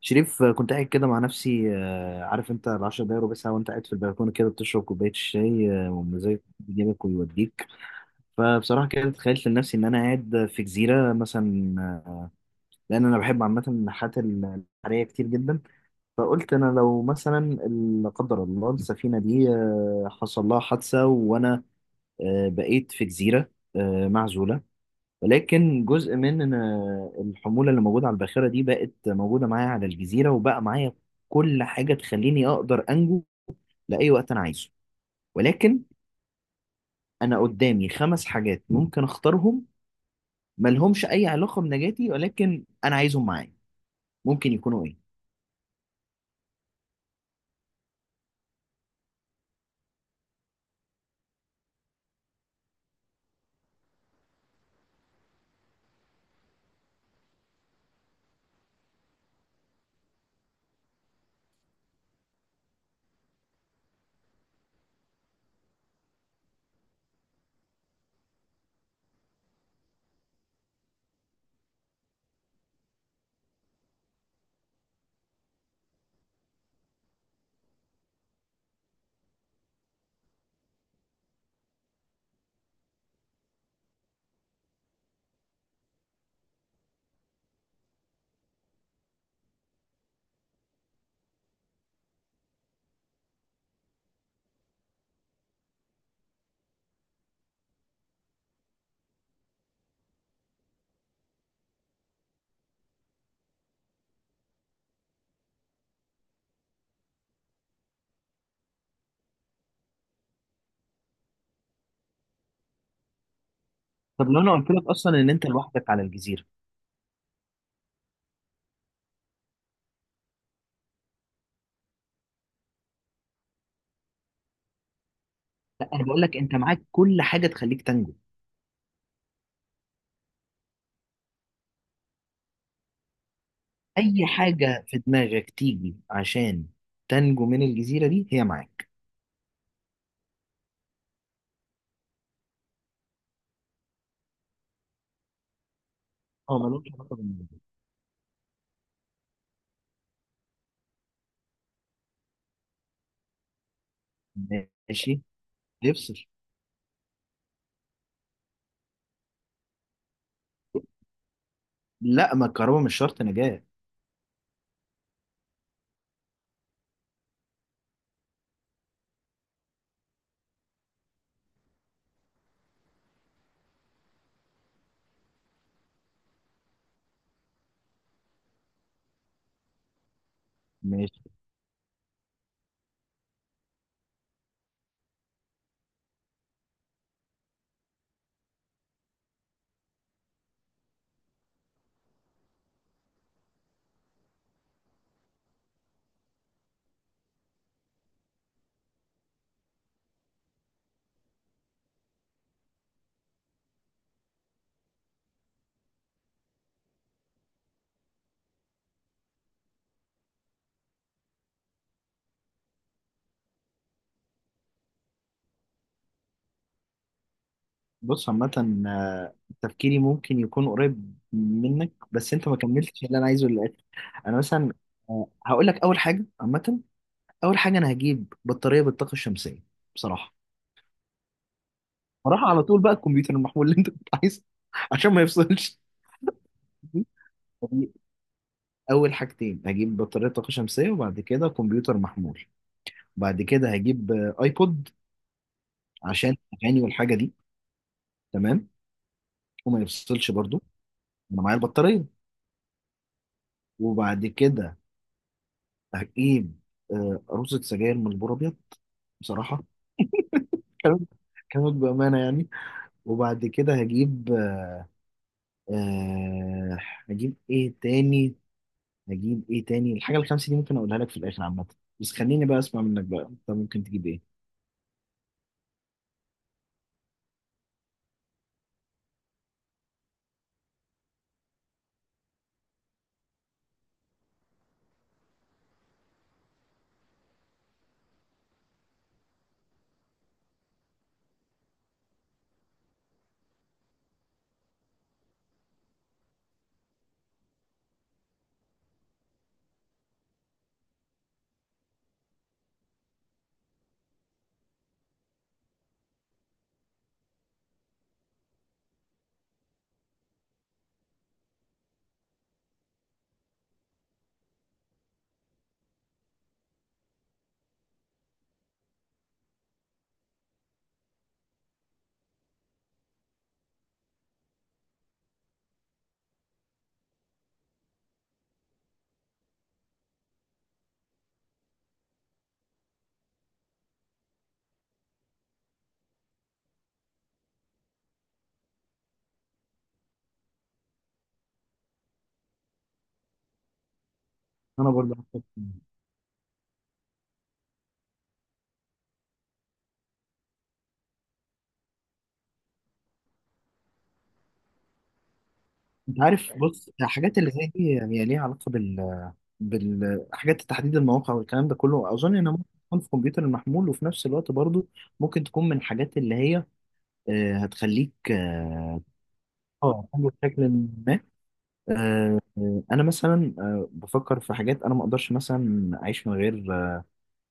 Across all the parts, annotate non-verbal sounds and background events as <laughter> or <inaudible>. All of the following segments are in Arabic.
شريف كنت قاعد كده مع نفسي، عارف انت العشر دقايق ربع ساعة وانت قاعد في البلكونة كده بتشرب كوباية الشاي، ومزاج يجيبك ويوديك. فبصراحة كده تخيلت لنفسي ان انا قاعد في جزيرة مثلا، لان انا بحب عامة النحات البحرية كتير جدا. فقلت انا لو مثلا لا قدر الله السفينة دي حصل لها حادثة وانا بقيت في جزيرة معزولة، ولكن جزء من الحمولة اللي موجودة على الباخرة دي بقت موجودة معايا على الجزيرة، وبقى معايا كل حاجة تخليني أقدر أنجو لأي وقت أنا عايزه. ولكن أنا قدامي خمس حاجات ممكن أختارهم، ملهمش أي علاقة بنجاتي ولكن أنا عايزهم معايا، ممكن يكونوا إيه؟ طب لو أنا قلت لك أصلا إن أنت لوحدك على الجزيرة. لا، أنا بقول لك أنت معاك كل حاجة تخليك تنجو، أي حاجة في دماغك تيجي عشان تنجو من الجزيرة دي هي معاك. اه، ملوش علاقة بالنجاة، ماشي، يفصل. لا، ما الكهرباء مش شرط نجاة. مش بص عامة، تفكيري ممكن يكون قريب منك بس انت ما كملتش اللي انا عايزه للاخر. انا مثلا هقول لك اول حاجة عامة. اول حاجة انا هجيب بطارية بالطاقة الشمسية، بصراحة. بصراحة على طول بقى الكمبيوتر المحمول اللي انت كنت عايزه <laughs> عشان ما يفصلش. دي اول حاجتين، هجيب بطارية طاقة شمسية وبعد كده كمبيوتر محمول. بعد كده هجيب ايبود عشان اغاني والحاجة دي، تمام، وما يفصلش برضو، انا معايا البطارية. وبعد كده هجيب آه، عروسة سجاير من البور أبيض بصراحة كانت كانت بأمانة يعني وبعد كده هجيب آه هجيب إيه تاني، هجيب إيه تاني. الحاجة الخمسة دي ممكن أقولها لك في الآخر عامة، بس خليني بقى أسمع منك بقى، أنت ممكن تجيب إيه؟ أنا برضه هحتاج- أنت عارف، بص الحاجات اللي زي دي هي ليها علاقة بالحاجات، تحديد المواقع والكلام ده كله أظن إنها ممكن تكون في الكمبيوتر المحمول، وفي نفس الوقت برضه ممكن تكون من الحاجات اللي هي هتخليك اه، آه، بشكل ما انا مثلا بفكر في حاجات انا ما اقدرش مثلا اعيش من غير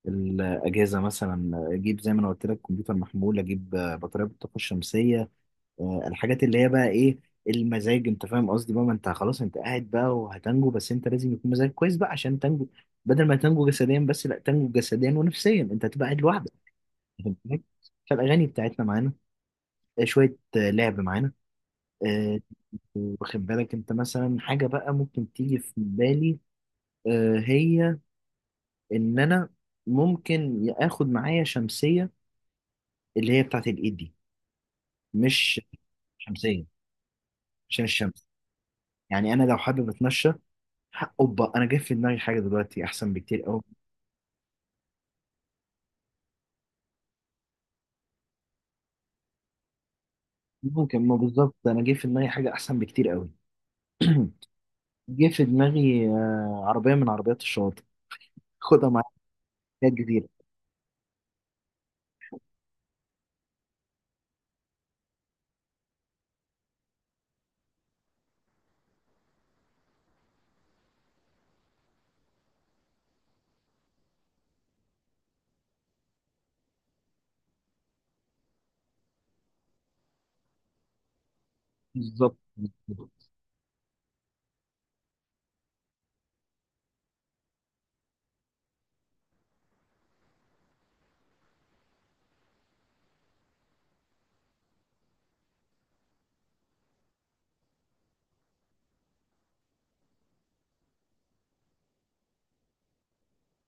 الاجهزه. مثلا اجيب زي ما انا قلت لك كمبيوتر محمول، اجيب بطاريه بالطاقه الشمسيه. الحاجات اللي هي بقى ايه؟ المزاج، انت فاهم قصدي بقى؟ ما انت خلاص انت قاعد بقى وهتنجو، بس انت لازم يكون مزاجك كويس بقى عشان تنجو. بدل ما تنجو جسديا بس، لا، تنجو جسديا ونفسيا، انت هتبقى قاعد لوحدك، فاهم؟ فالاغاني بتاعتنا معانا، شويه لعب معانا. آه، واخد بالك انت، مثلا حاجة بقى ممكن تيجي في بالي هي ان انا ممكن اخد معايا شمسية، اللي هي بتاعت الايد دي، مش شمسية عشان الشمس، يعني انا لو حابب اتمشى. اوبا، انا جاي في دماغي حاجة دلوقتي احسن بكتير قوي. ممكن ما بالظبط، انا جاي في دماغي حاجة احسن بكتير قوي. جه في دماغي عربية من عربيات الشواطئ، خدها معايا، حاجات كتير. بالظبط.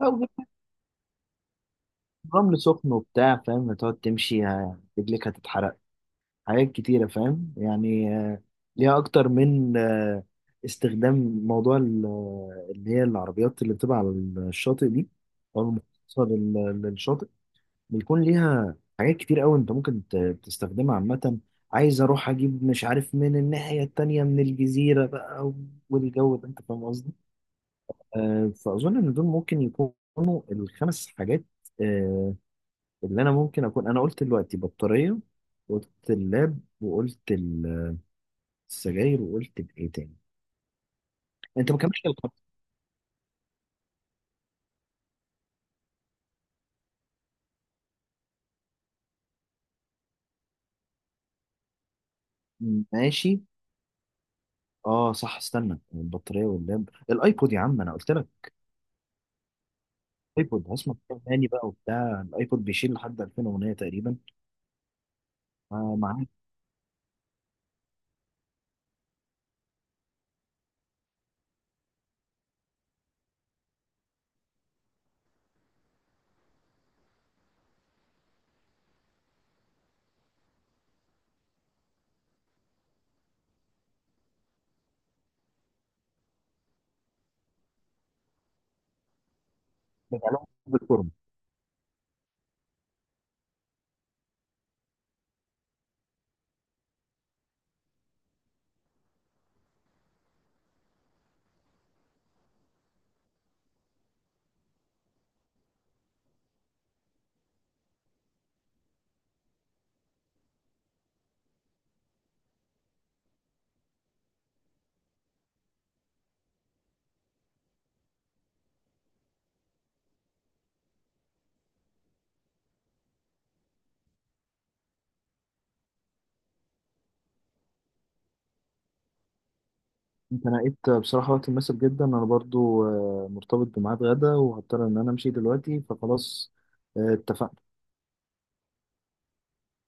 أو جبت رمل سخن وبتاع، فاهم؟ هتقعد تمشي رجلك هتتحرق، حاجات كتيرة فاهم، يعني ليها أكتر من استخدام. موضوع اللي هي العربيات اللي بتبقى على الشاطئ دي، أو المخصصة للشاطئ، بيكون ليها حاجات كتير أوي، أنت ممكن تستخدمها عامة. عايز أروح أجيب، مش عارف، من الناحية التانية من الجزيرة بقى والجو ده، أنت فاهم قصدي؟ فأظن إن دول ممكن يكونوا الخمس حاجات آه، اللي أنا ممكن أكون. أنا قلت دلوقتي بطارية، قلت اللاب، وقلت السجاير، وقلت بايه تاني؟ انت ما كملتش الخط. ماشي، اه صح، استنى، البطاريه واللاب، الايبود، يا عم انا قلت لك الايبود. هسمع كتاب تاني بقى وبتاع، الايبود بيشيل لحد 2000 اغنيه تقريبا. آه، معاك. بالفورم. انت نقيت بصراحه وقت مناسب جدا، انا برضو مرتبط بميعاد غدا وهضطر ان انا امشي دلوقتي، فخلاص، اتفقنا.